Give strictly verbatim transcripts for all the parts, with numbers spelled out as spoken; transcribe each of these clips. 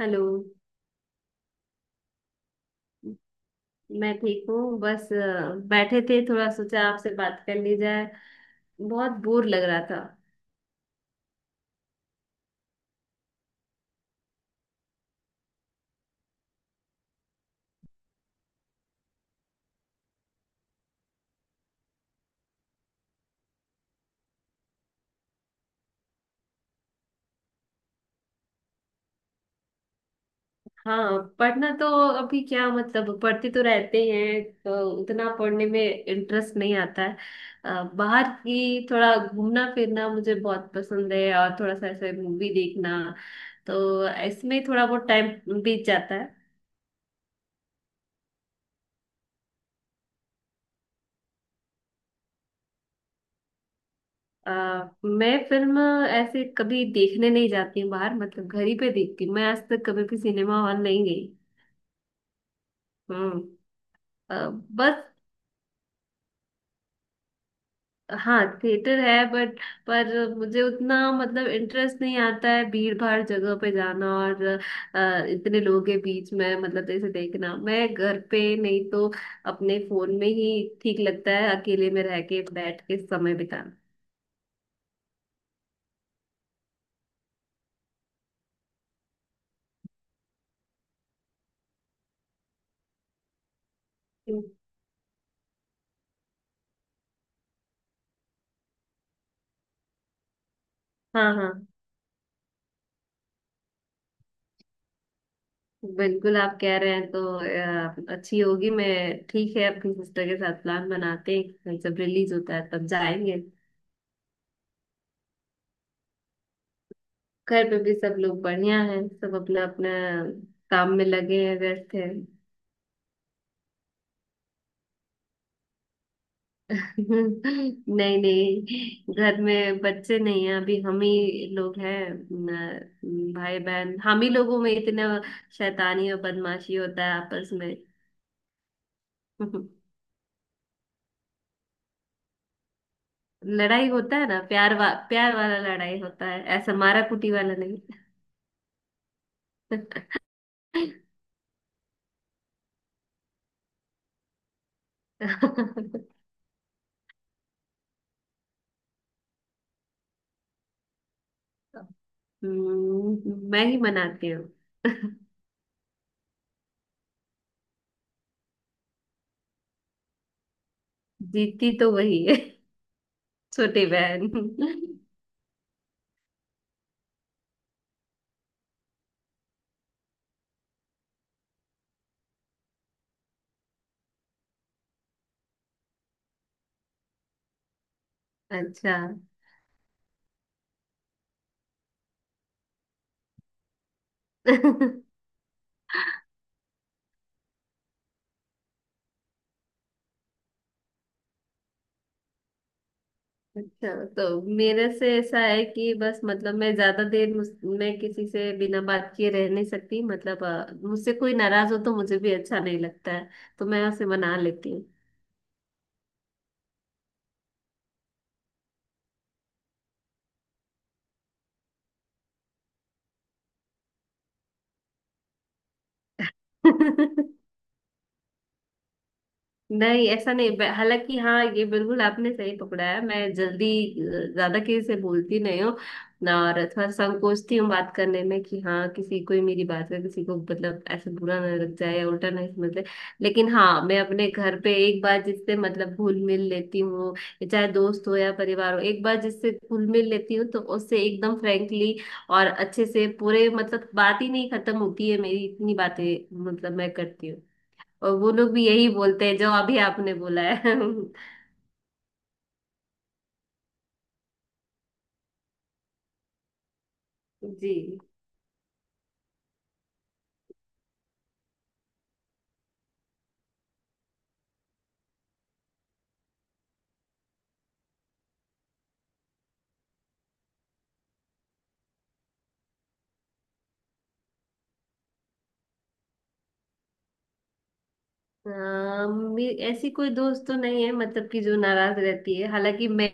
Hello. मैं ठीक हूँ, बस अ, बैठे थे, थोड़ा सोचा आपसे बात कर ली जाए। बहुत बोर लग रहा था। हाँ, पढ़ना तो अभी क्या मतलब, पढ़ते तो रहते ही हैं, तो उतना पढ़ने में इंटरेस्ट नहीं आता है। अ, बाहर की थोड़ा घूमना फिरना मुझे बहुत पसंद है, और थोड़ा सा ऐसे मूवी देखना, तो इसमें थोड़ा बहुत टाइम बीत जाता है। अ, मैं फिल्म ऐसे कभी देखने नहीं जाती हूँ बाहर, मतलब घर ही पे देखती हूँ। मैं आज तक कभी भी सिनेमा हॉल नहीं गई। हम्म। अ, बस। हाँ थिएटर है बट, पर मुझे उतना मतलब इंटरेस्ट नहीं आता है भीड़ भाड़ जगह पे जाना, और अ, इतने लोगों के बीच में मतलब ऐसे देखना, मैं घर पे नहीं तो अपने फोन में ही ठीक लगता है, अकेले में रह के बैठ के समय बिताना। हम्म। हाँ हाँ, बिल्कुल आप कह रहे हैं तो अ, अच्छी होगी। मैं ठीक है, अपनी सिस्टर के साथ प्लान बनाते हैं, कहीं सब रिलीज होता है तब जाएंगे। घर पे भी सब लोग बढ़िया हैं, सब अपना अपना काम में लगे हैं, व्यस्त हैं। नहीं नहीं, घर में बच्चे नहीं हैं, अभी हम ही लोग हैं। न- भाई बहन हम ही लोगों में इतना शैतानी और बदमाशी होता है आपस में। लड़ाई होता है ना, प्यार वा, प्यार वाला लड़ाई होता है, ऐसा मारा कुटी वाला नहीं। हम्म। मैं ही मनाती हूँ। जीती तो वही है, छोटी बहन। अच्छा। अच्छा तो मेरे से ऐसा है कि बस मतलब, मैं ज्यादा देर मुझ- मैं किसी से बिना बात किए रह नहीं सकती, मतलब अ, मुझसे कोई नाराज हो तो मुझे भी अच्छा नहीं लगता है, तो मैं उसे मना लेती हूँ। नहीं ऐसा नहीं ब- हालांकि हाँ, ये बिल्कुल आपने सही पकड़ा है, मैं जल्दी अ, ज्यादा किसी से बोलती नहीं हूँ ना, और थोड़ा संकोचती हूँ बात करने में, कि हाँ किसी को ही मेरी बात का, किसी को मतलब ऐसा बुरा ना लग जाए या उल्टा नहीं समझ ले। लेकिन हाँ, मैं अपने घर पे एक बार जिससे मतलब घुल मिल लेती हूँ, ये चाहे दोस्त हो या परिवार हो, एक बार जिससे घुल मिल लेती हूँ तो उससे एकदम फ्रेंकली और अच्छे से पूरे मतलब, बात ही नहीं खत्म होती है मेरी, इतनी बातें मतलब मैं करती हूँ। और वो लोग भी यही बोलते हैं जो अभी आपने बोला है। जी। आ, मे- ऐसी कोई दोस्त तो नहीं है मतलब कि जो नाराज रहती है, हालांकि मैं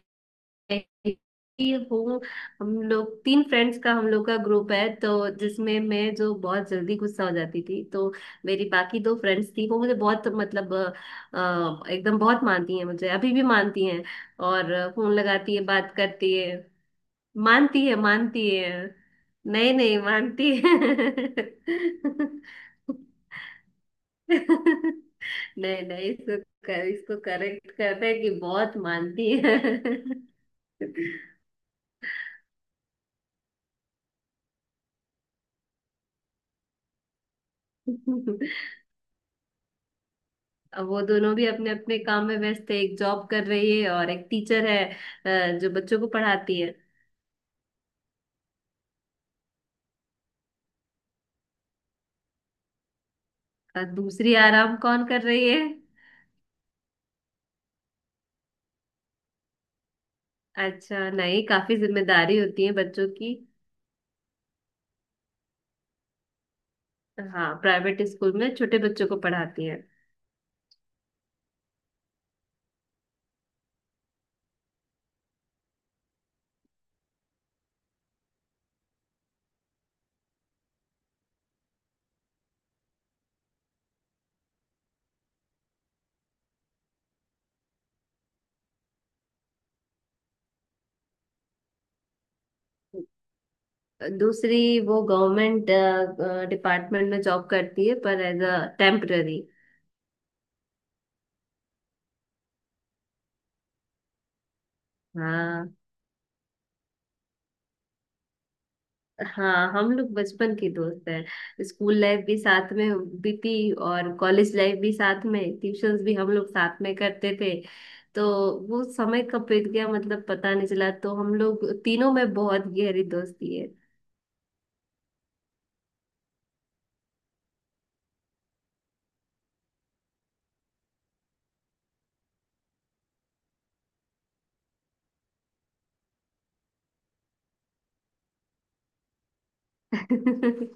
ही हूँ। हम लोग तीन फ्रेंड्स का, हम लोग का ग्रुप है तो, जिसमें मैं जो बहुत जल्दी गुस्सा हो जाती थी तो मेरी बाकी दो फ्रेंड्स थी, वो मुझे बहुत मतलब अ, एकदम बहुत मानती हैं, मुझे अभी भी मानती हैं और फोन लगाती है, बात करती है। मानती है, मानती है। नहीं नहीं, मानती है। नहीं नहीं, इसको कर, इसको करेक्ट करते हैं कि बहुत मानती है। अब वो दोनों भी अपने अपने काम में व्यस्त है, एक जॉब कर रही है और एक टीचर है, अ, जो बच्चों को पढ़ाती है। और दूसरी आराम कौन कर रही है? अच्छा नहीं, काफी जिम्मेदारी होती है बच्चों की। हाँ, प्राइवेट स्कूल में छोटे बच्चों को पढ़ाती हैं। दूसरी वो गवर्नमेंट डिपार्टमेंट में जॉब करती है, पर एज अ टेम्पररी। हाँ हाँ, हम लोग बचपन के दोस्त हैं, स्कूल लाइफ भी साथ में बीती और कॉलेज लाइफ भी साथ में, ट्यूशंस भी हम लोग साथ में करते थे। तो वो समय कब बीत गया मतलब पता नहीं चला, तो हम लोग तीनों में बहुत गहरी दोस्ती है। हम्म।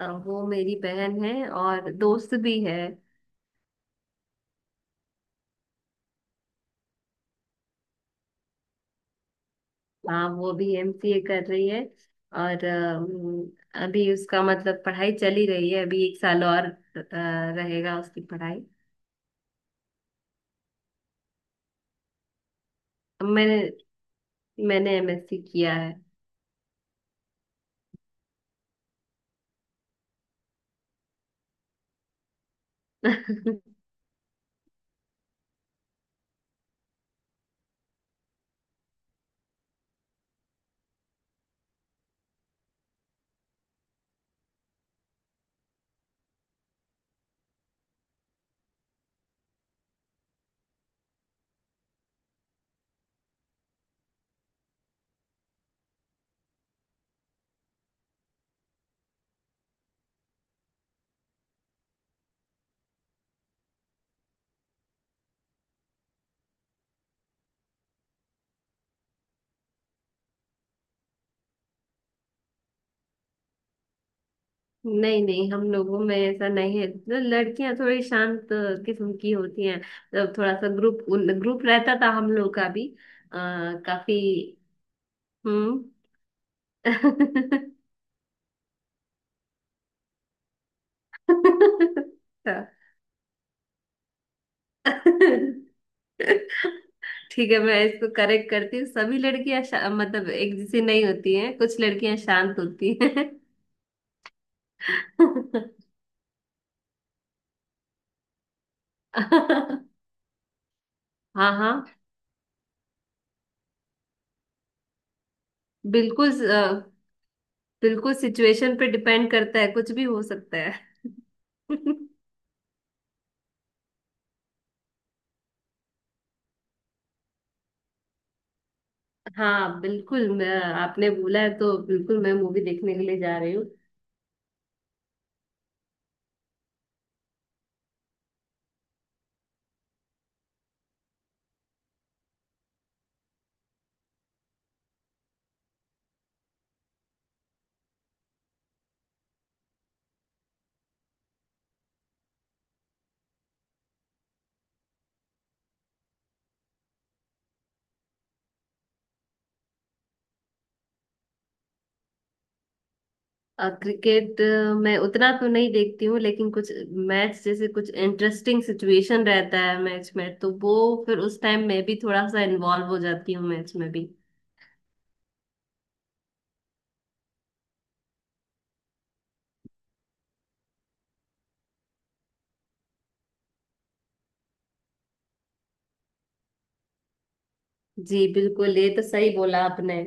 अ, वो मेरी बहन है और दोस्त भी है। हाँ, वो भी एमसीए कर रही है। और अम, अभी उसका मतलब पढ़ाई चल ही रही है, अभी एक साल और अ, रहेगा उसकी पढ़ाई। मैं मैंने एमएससी किया है। नहीं नहीं, हम लोगों में ऐसा नहीं है। लड़कियां थोड़ी शांत किस्म की होती हैं, मतलब थोड़ा सा ग्रुप ग्रुप रहता था हम लोग का भी। आ, काफी। हम्म। हाँ। ठीक है, मैं इसको करेक्ट करती हूँ, सभी लड़कियां शा- मतलब एक जैसी नहीं होती हैं, कुछ लड़कियां शांत होती हैं। हाँ हाँ, बिल्कुल। बिल्कुल सिचुएशन पे डिपेंड करता है, कुछ भी हो सकता है। हाँ बिल्कुल, मैं आपने बोला है तो बिल्कुल मैं मूवी देखने के लिए जा रही हूँ। अ, क्रिकेट अ, मैं उतना तो नहीं देखती हूँ, लेकिन कुछ मैच जैसे कुछ इंटरेस्टिंग सिचुएशन रहता है मैच में, तो वो फिर उस टाइम मैं भी थोड़ा सा इन्वॉल्व हो जाती हूँ मैच में भी। जी बिल्कुल, ये तो सही बोला आपने।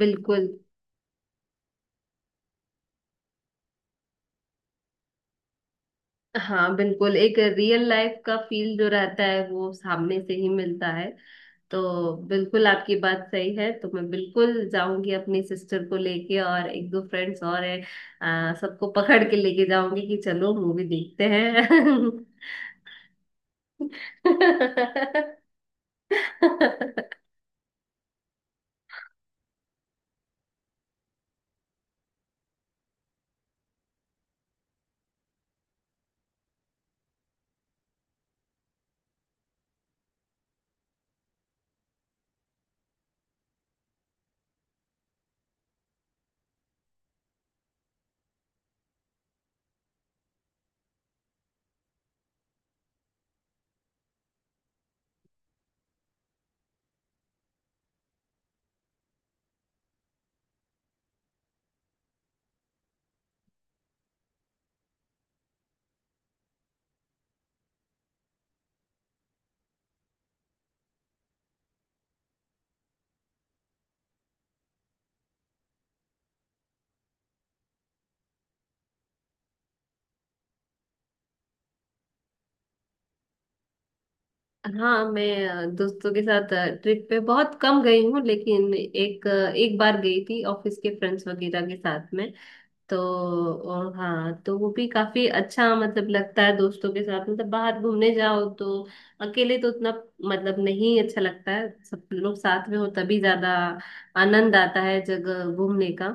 बिल्कुल। हाँ बिल्कुल, एक रियल लाइफ का फील जो रहता है वो सामने से ही मिलता है। तो बिल्कुल आपकी बात सही है, तो मैं बिल्कुल जाऊंगी अपनी सिस्टर को लेके, और एक दो फ्रेंड्स और हैं, आ, सबको पकड़ के लेके जाऊंगी कि चलो मूवी देखते हैं। हाँ मैं अ, दोस्तों के साथ ट्रिप पे बहुत कम गई हूँ, लेकिन एक अ, एक बार गई थी ऑफिस के फ्रेंड्स वगैरह के साथ में तो। और हाँ, तो वो भी काफी अच्छा मतलब लगता है, दोस्तों के साथ मतलब बाहर घूमने जाओ तो। अकेले तो उतना मतलब नहीं अच्छा लगता है, सब लोग साथ में हो तभी ज्यादा आनंद आता है जगह घूमने का।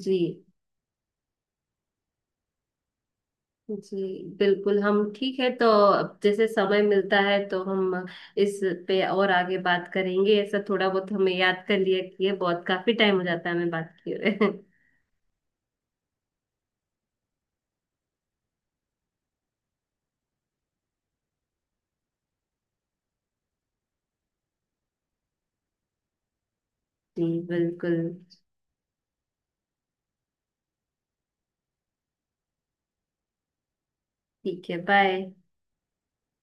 जी। जी बिल्कुल, हम ठीक है तो, अब जैसे समय मिलता है तो हम इस पे और आगे बात करेंगे। ऐसा थोड़ा बहुत हमें याद कर लिया कि ये बहुत काफी टाइम हो जाता है हमें बात किए हुए। जी बिल्कुल। ठीक है, बाय।